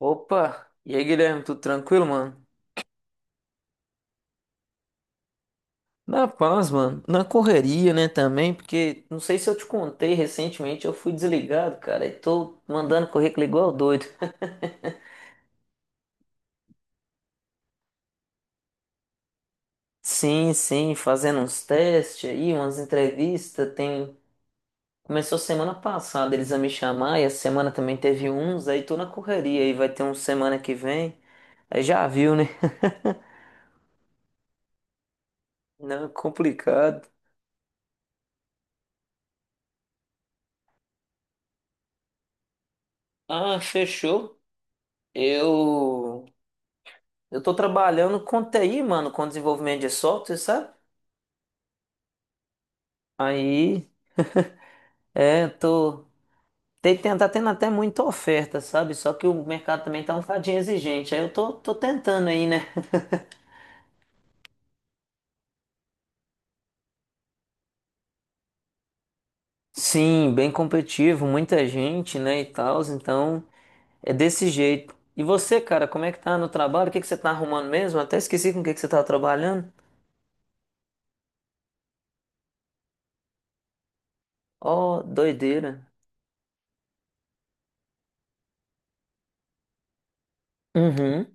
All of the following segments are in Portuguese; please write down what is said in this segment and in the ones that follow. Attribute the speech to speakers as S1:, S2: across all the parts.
S1: Opa! E aí, Guilherme, tudo tranquilo, mano? Na paz, mano. Na correria, né, também, porque não sei se eu te contei recentemente, eu fui desligado, cara, e tô mandando currículo igual doido. Sim, sim, fazendo uns testes aí, umas entrevistas, Começou semana passada eles a me chamar, e a semana também teve uns, aí tô na correria, aí vai ter uns semana que vem, aí já viu, né? Não, é complicado. Ah, fechou. Eu... Eu tô trabalhando com TI, mano, com desenvolvimento de software, sabe? Aí, tô. Tem, tá tendo até muita oferta, sabe? Só que o mercado também tá um bocadinho exigente. Aí eu tô tentando aí, né? Sim, bem competitivo, muita gente, né, e tal. Então, é desse jeito. E você, cara, como é que tá no trabalho? O que que você tá arrumando mesmo? Até esqueci com o que que você tava trabalhando. Ó, doideira. Uhum.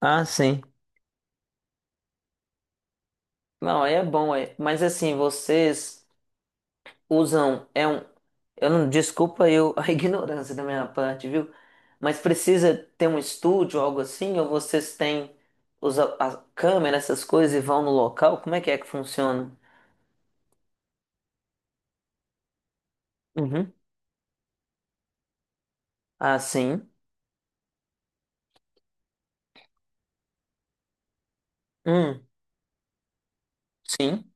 S1: Ah, sim. Não, aí é bom, é. Mas assim, vocês usam. É um Eu não, desculpa eu, a ignorância da minha parte, viu? Mas precisa ter um estúdio, algo assim, ou vocês têm a câmera, essas coisas e vão no local? Como é que funciona? Uhum. Ah, sim. Hum, sim.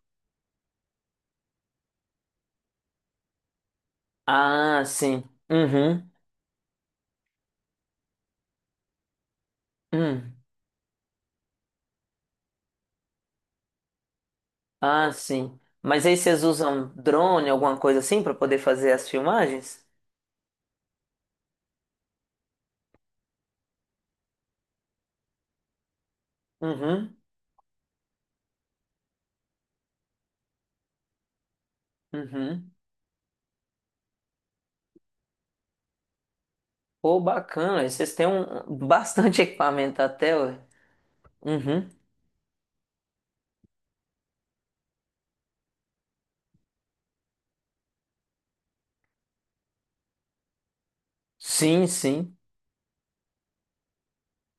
S1: Ah, sim. Uhum. Hum. Ah, sim. Mas aí vocês usam drone, alguma coisa assim, para poder fazer as filmagens? Uhum. Uhum. Pô, bacana. Aí vocês têm bastante equipamento até, ué. Uhum. Sim, sim.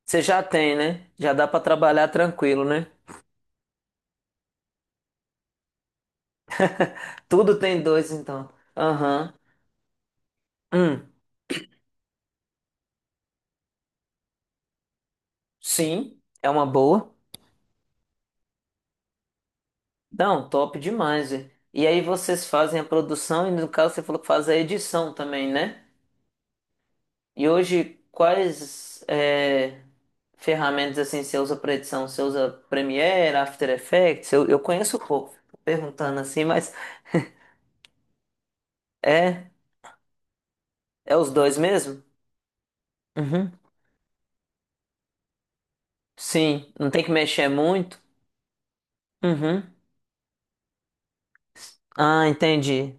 S1: Você já tem, né? Já dá pra trabalhar tranquilo, né? Tudo tem dois, então. Aham. Hum, sim, é uma boa. Não, top demais, velho. E aí vocês fazem a produção e no caso você falou que faz a edição também, né? E hoje quais ferramentas assim você usa para edição? Você usa Premiere, After Effects? Eu conheço pouco, tô perguntando assim, mas é é os dois mesmo? Uhum. Sim, não tem que mexer muito. Uhum. Ah, entendi.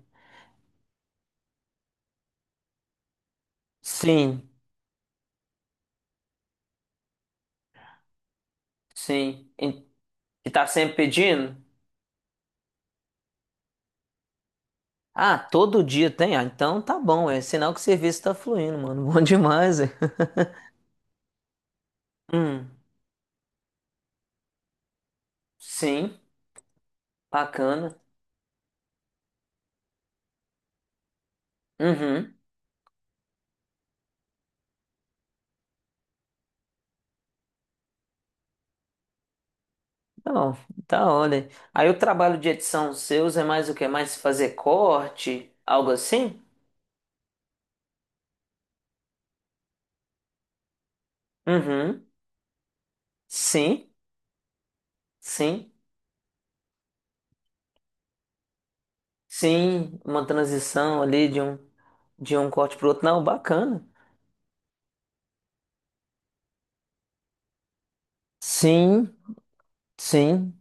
S1: Sim, sim. E tá sempre pedindo? Ah, todo dia tem? Ah, então tá bom, é sinal que o serviço tá fluindo, mano. Bom demais, é. Hum, sim, bacana. Uhum. Não, tá olha. Aí o trabalho de edição seus é mais o quê? Mais fazer corte, algo assim? Uhum. Sim, sim, sim. Uma transição ali de um corte pro outro. Não, bacana. Sim, sim.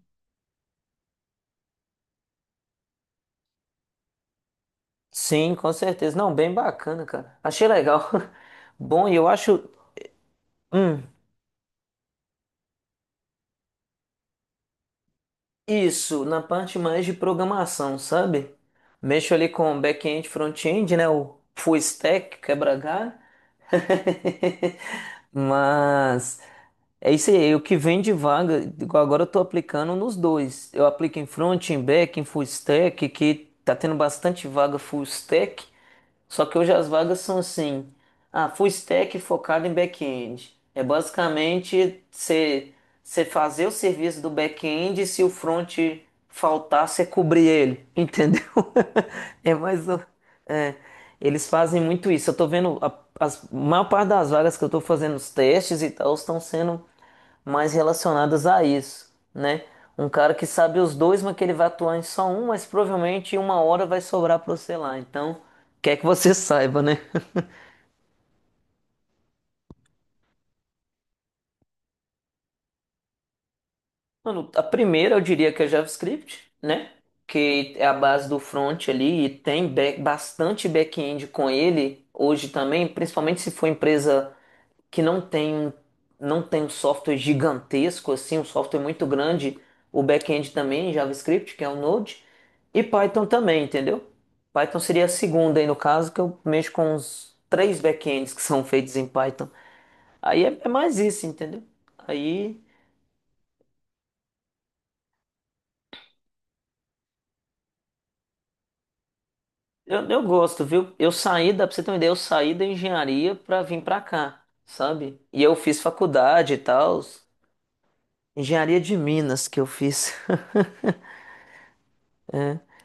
S1: Sim, com certeza. Não, bem bacana, cara. Achei legal. Bom, e eu acho, hum, isso, na parte mais de programação, sabe? Mexo ali com back-end, front-end, né? O full stack, quebra-galho. Mas é isso aí, o que vem de vaga, igual agora eu tô aplicando nos dois. Eu aplico em front, em back, em full stack, que tá tendo bastante vaga full stack. Só que hoje as vagas são assim, ah, full stack focado em back-end. É basicamente você fazer o serviço do back-end e se o front faltar, você cobrir ele, entendeu? É mais um, é, Eles fazem muito isso. Eu tô vendo a maior parte das vagas que eu tô fazendo os testes e tal estão sendo mais relacionadas a isso, né? Um cara que sabe os dois, mas que ele vai atuar em só um, mas provavelmente em uma hora vai sobrar para você lá. Então, quer que você saiba, né? Mano, a primeira eu diria que é JavaScript, né? Que é a base do front ali e tem bastante back-end com ele hoje também, principalmente se for empresa que não tem um software gigantesco assim, um software muito grande, o back-end também, JavaScript, que é o Node, e Python também, entendeu? Python seria a segunda aí no caso, que eu mexo com os três back-ends que são feitos em Python. Aí é mais isso, entendeu? Aí eu gosto, viu? Eu saí, dá pra você ter uma ideia, eu saí da engenharia pra vir pra cá, sabe? E eu fiz faculdade e tal, engenharia de Minas que eu fiz.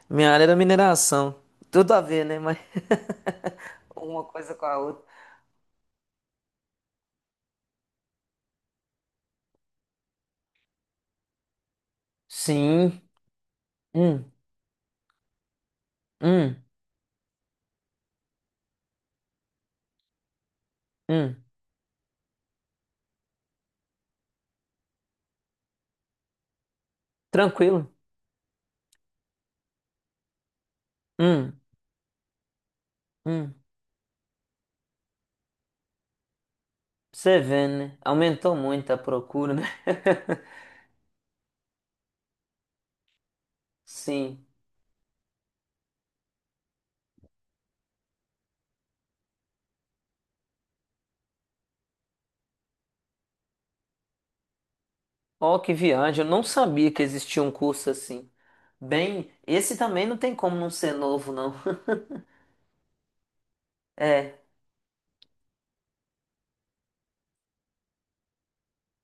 S1: Minha área era mineração. Tudo a ver, né? Mas uma coisa com a outra. Sim. Hum, hum, hum. Tranquilo. Hum, hum. Você vê, né? Aumentou muito a procura, né? Sim. Ó, que viagem. Eu não sabia que existia um curso assim. Bem, esse também não tem como não ser novo, não. É.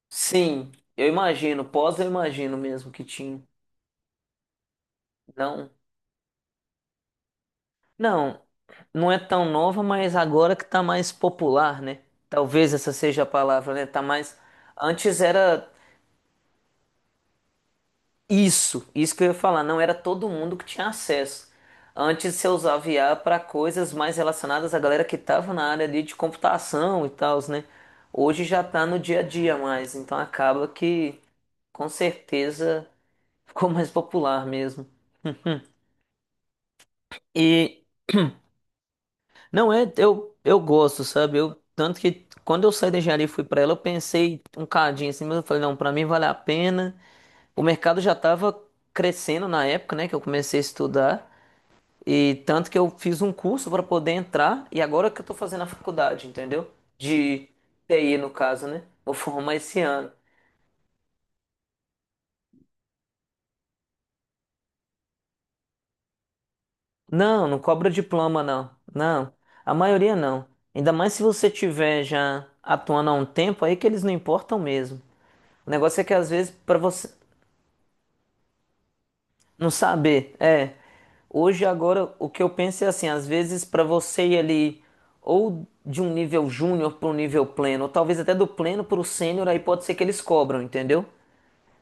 S1: Sim. Eu imagino. Pós eu imagino mesmo que tinha. Não. Não, não é tão nova, mas agora que tá mais popular, né? Talvez essa seja a palavra, né? Tá mais. Antes era isso, isso que eu ia falar, não era todo mundo que tinha acesso. Antes você usava IA para coisas mais relacionadas à galera que tava na área ali de computação e tal, né? Hoje já tá no dia a dia mais, então acaba que com certeza ficou mais popular mesmo. E Não é, eu gosto, sabe? Tanto que quando eu saí da engenharia e fui pra ela, eu pensei um cadinho assim, mas eu falei, não, pra mim vale a pena. O mercado já tava crescendo na época, né, que eu comecei a estudar, e tanto que eu fiz um curso pra poder entrar, e agora que eu tô fazendo a faculdade, entendeu? De TI, no caso, né? Vou formar esse ano. Não, não cobra diploma, não. Não, a maioria não. Ainda mais se você tiver já atuando há um tempo, aí que eles não importam mesmo. O negócio é que às vezes para você, não saber, é. Hoje, agora, o que eu penso é assim: às vezes, para você ir ali, ou de um nível júnior para um nível pleno, ou talvez até do pleno para o sênior, aí pode ser que eles cobram, entendeu?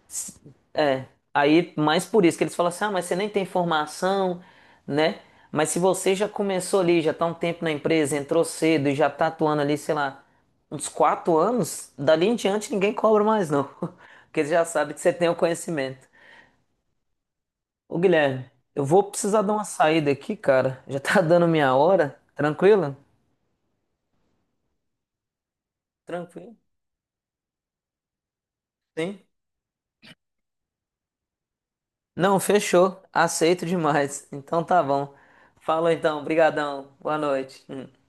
S1: S- É. Aí, mais por isso que eles falam assim: ah, mas você nem tem formação, né? Mas se você já começou ali, já tá um tempo na empresa, entrou cedo e já tá atuando ali, sei lá, uns 4 anos, dali em diante ninguém cobra mais, não. Porque eles já sabem que você tem o conhecimento. Ô Guilherme, eu vou precisar dar uma saída aqui, cara. Já tá dando minha hora. Tranquilo? Tranquilo. Sim. Não, fechou. Aceito demais. Então tá bom. Falou então. Obrigadão. Boa noite. Hum.